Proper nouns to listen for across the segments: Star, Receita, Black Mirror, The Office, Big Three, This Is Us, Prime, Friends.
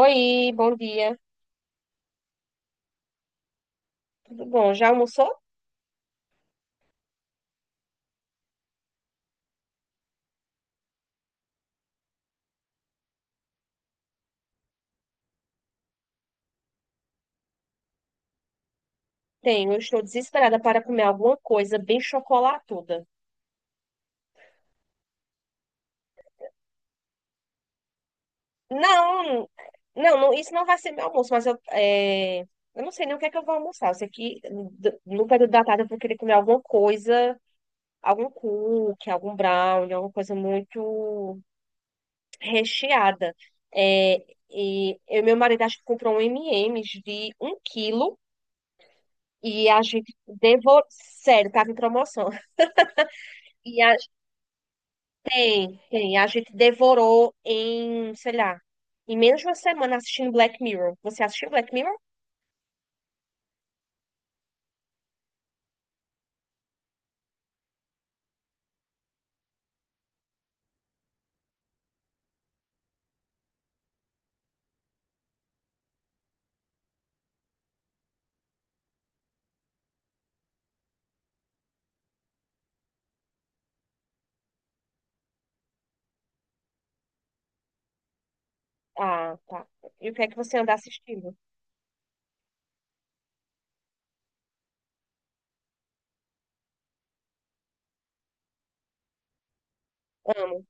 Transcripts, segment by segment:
Oi, bom dia. Tudo bom? Já almoçou? Tenho. Estou desesperada para comer alguma coisa bem chocolatuda. Não, não, não, isso não vai ser meu almoço, mas eu não sei nem o que é que eu vou almoçar. Eu sei que no período da tarde eu vou querer comer alguma coisa, algum cookie, algum brownie, alguma coisa muito recheada. É, e eu e meu marido acho que comprou um M&M's de um quilo e a gente devorou. Sério, tava em promoção. e a Tem, tem. A gente devorou em, sei lá, em menos de uma semana assistindo Black Mirror. Você assistiu Black Mirror? Ah, tá. E o que é que você anda assistindo? Amo.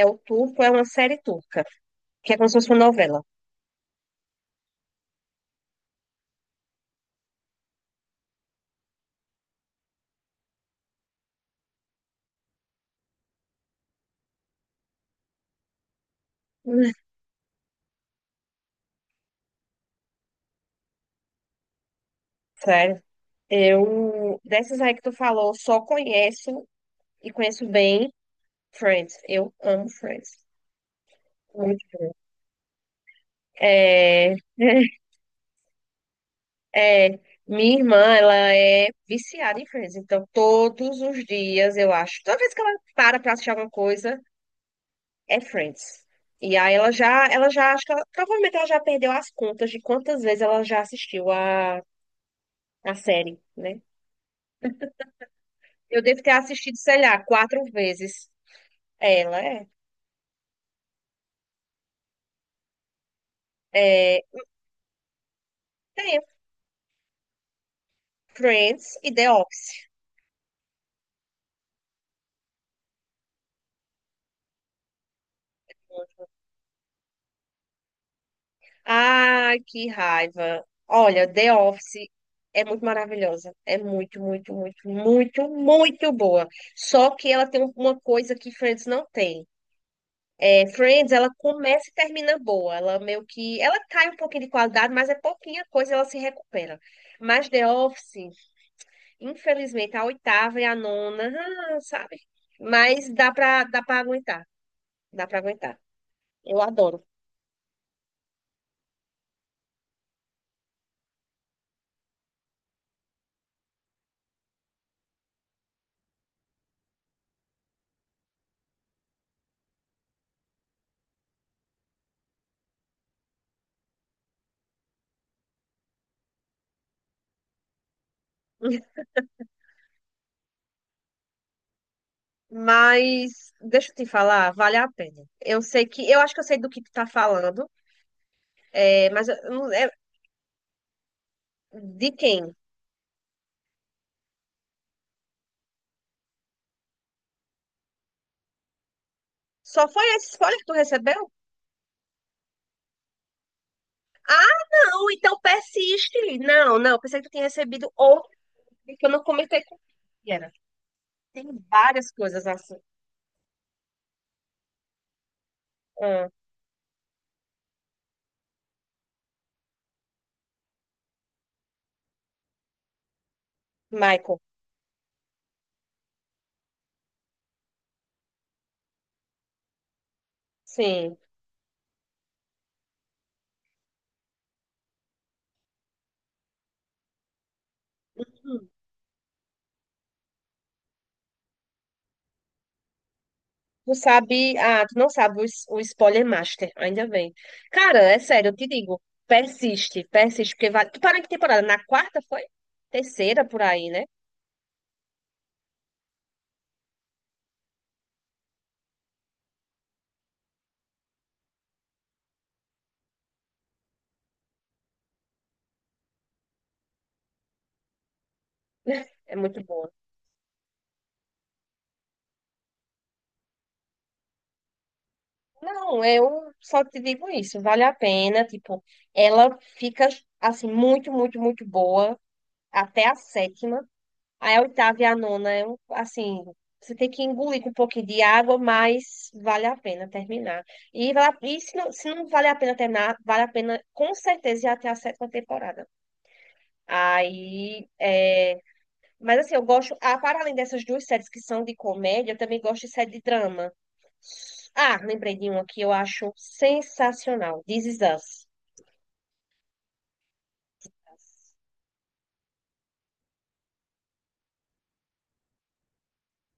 É o turco, é uma série turca, que é como se fosse uma novela. Sério. Eu, dessas aí que tu falou, só conheço e conheço bem Friends. Eu amo Friends. Muito bom. É... É, Minha irmã, ela é viciada em Friends, então todos os dias, eu acho, toda vez que ela para pra assistir alguma coisa, é Friends. E aí ela já acho que ela, provavelmente ela já perdeu as contas de quantas vezes ela já assistiu a série, né? Eu devo ter assistido, sei lá, quatro vezes. Ela é, é, tem Friends e The Office. Ai, que raiva. Olha, The Office é muito maravilhosa. É muito, muito, muito, muito, muito boa. Só que ela tem uma coisa que Friends não tem. Friends, ela começa e termina boa. Ela meio que. Ela cai um pouquinho de qualidade, mas é pouquinha coisa, ela se recupera. Mas The Office, infelizmente, a oitava e a nona, sabe? Mas dá pra aguentar. Dá pra aguentar. Eu adoro. Mas deixa eu te falar, vale a pena. Eu sei que, eu acho que eu sei do que tu tá falando, mas eu não- de quem? Só foi esse spoiler que tu recebeu? Ah, não, então persiste. Não, não, pensei que tu tinha recebido outro que eu não comentei com quem era. Tem várias coisas assim. Ah, Michael, sim. Uhum. Tu sabe, tu não sabe o spoiler master, ainda bem. Cara, é sério, eu te digo, persiste, persiste, porque vale. Tu parou em que temporada? Na quarta foi? Terceira por aí, né? É muito boa. Não, eu só te digo isso, vale a pena, tipo, ela fica assim muito, muito, muito boa até a sétima. Aí a oitava e a nona é um, assim, você tem que engolir com um pouquinho de água, mas vale a pena terminar. E se não vale a pena terminar, vale a pena com certeza ir até a sétima temporada. Aí, mas assim, eu gosto, para além dessas duas séries que são de comédia, eu também gosto de série de drama. Ah, lembrei de uma que eu acho sensacional. This Is Us.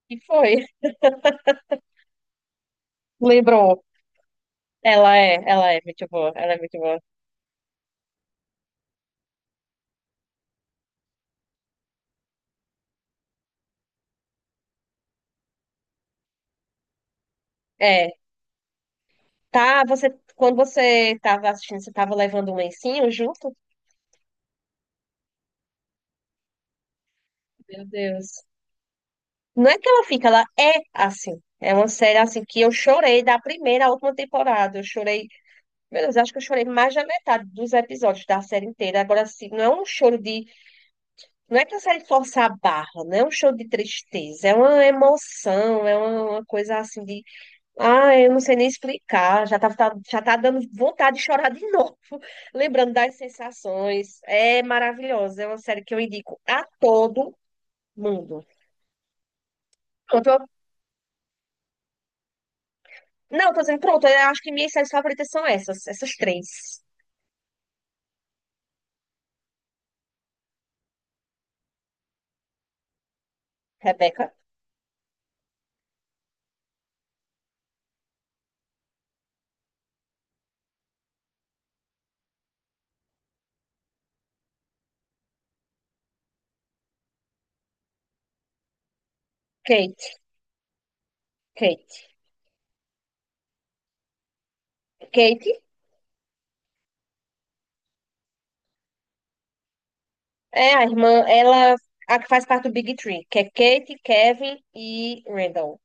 Que foi. Lembrou. Ela é muito boa, ela é muito boa. É, tá, quando você tava assistindo, você tava levando um lencinho junto? Meu Deus. Não é que ela fica, ela é assim. É uma série assim que eu chorei da primeira à última temporada. Eu chorei, meu Deus, acho que eu chorei mais da metade dos episódios da série inteira. Agora, assim, não é um choro de. Não é que a série força a barra, não é um show de tristeza, é uma emoção, é uma coisa assim de. Ah, eu não sei nem explicar, já tá dando vontade de chorar de novo, lembrando das sensações. É maravilhosa, é uma série que eu indico a todo mundo. Pronto, não, tô dizendo, pronto, eu acho que minhas séries favoritas são essas, três: Rebecca, Kate, Kate. Kate é a irmã, ela a que faz parte do Big Three, que é Kate, Kevin e Randall.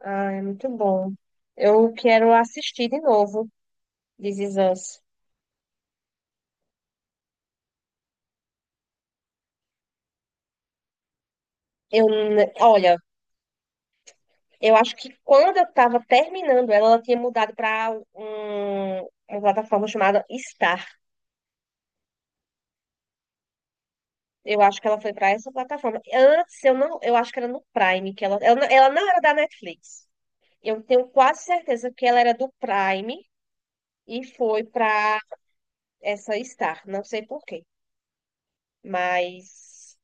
Ah, é muito bom. Eu quero assistir de novo, This Is Us. Olha, eu acho que quando eu estava terminando ela, ela tinha mudado para uma plataforma chamada Star. Eu acho que ela foi para essa plataforma. Antes, eu não, eu acho que era no Prime, que ela não era da Netflix. Eu tenho quase certeza que ela era do Prime e foi para essa Star. Não sei por quê, mas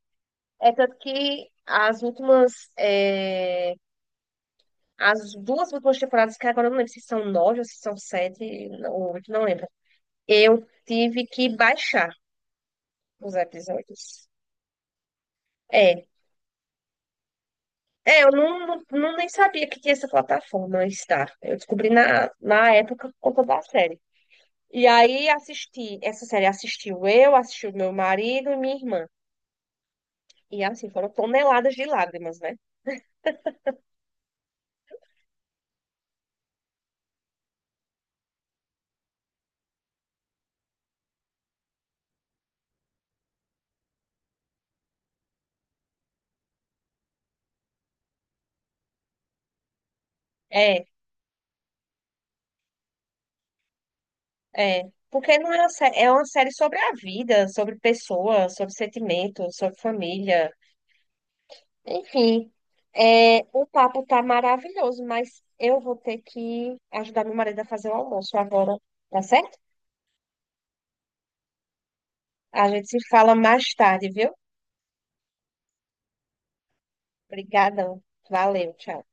é tanto que as duas últimas temporadas, que agora eu não lembro se são nove ou se são sete, ou oito, não lembro. Eu tive que baixar os episódios. É. É, eu não, não, não nem sabia que tinha essa plataforma Star. Eu descobri na época por conta da série. E aí assisti, essa série assistiu eu, assistiu meu marido e minha irmã. E assim, foram toneladas de lágrimas, né? É, é. Porque não é uma série, é uma série sobre a vida, sobre pessoas, sobre sentimentos, sobre família. Enfim, o papo tá maravilhoso, mas eu vou ter que ajudar meu marido a fazer o almoço agora, tá certo? A gente se fala mais tarde, viu? Obrigadão. Valeu, tchau.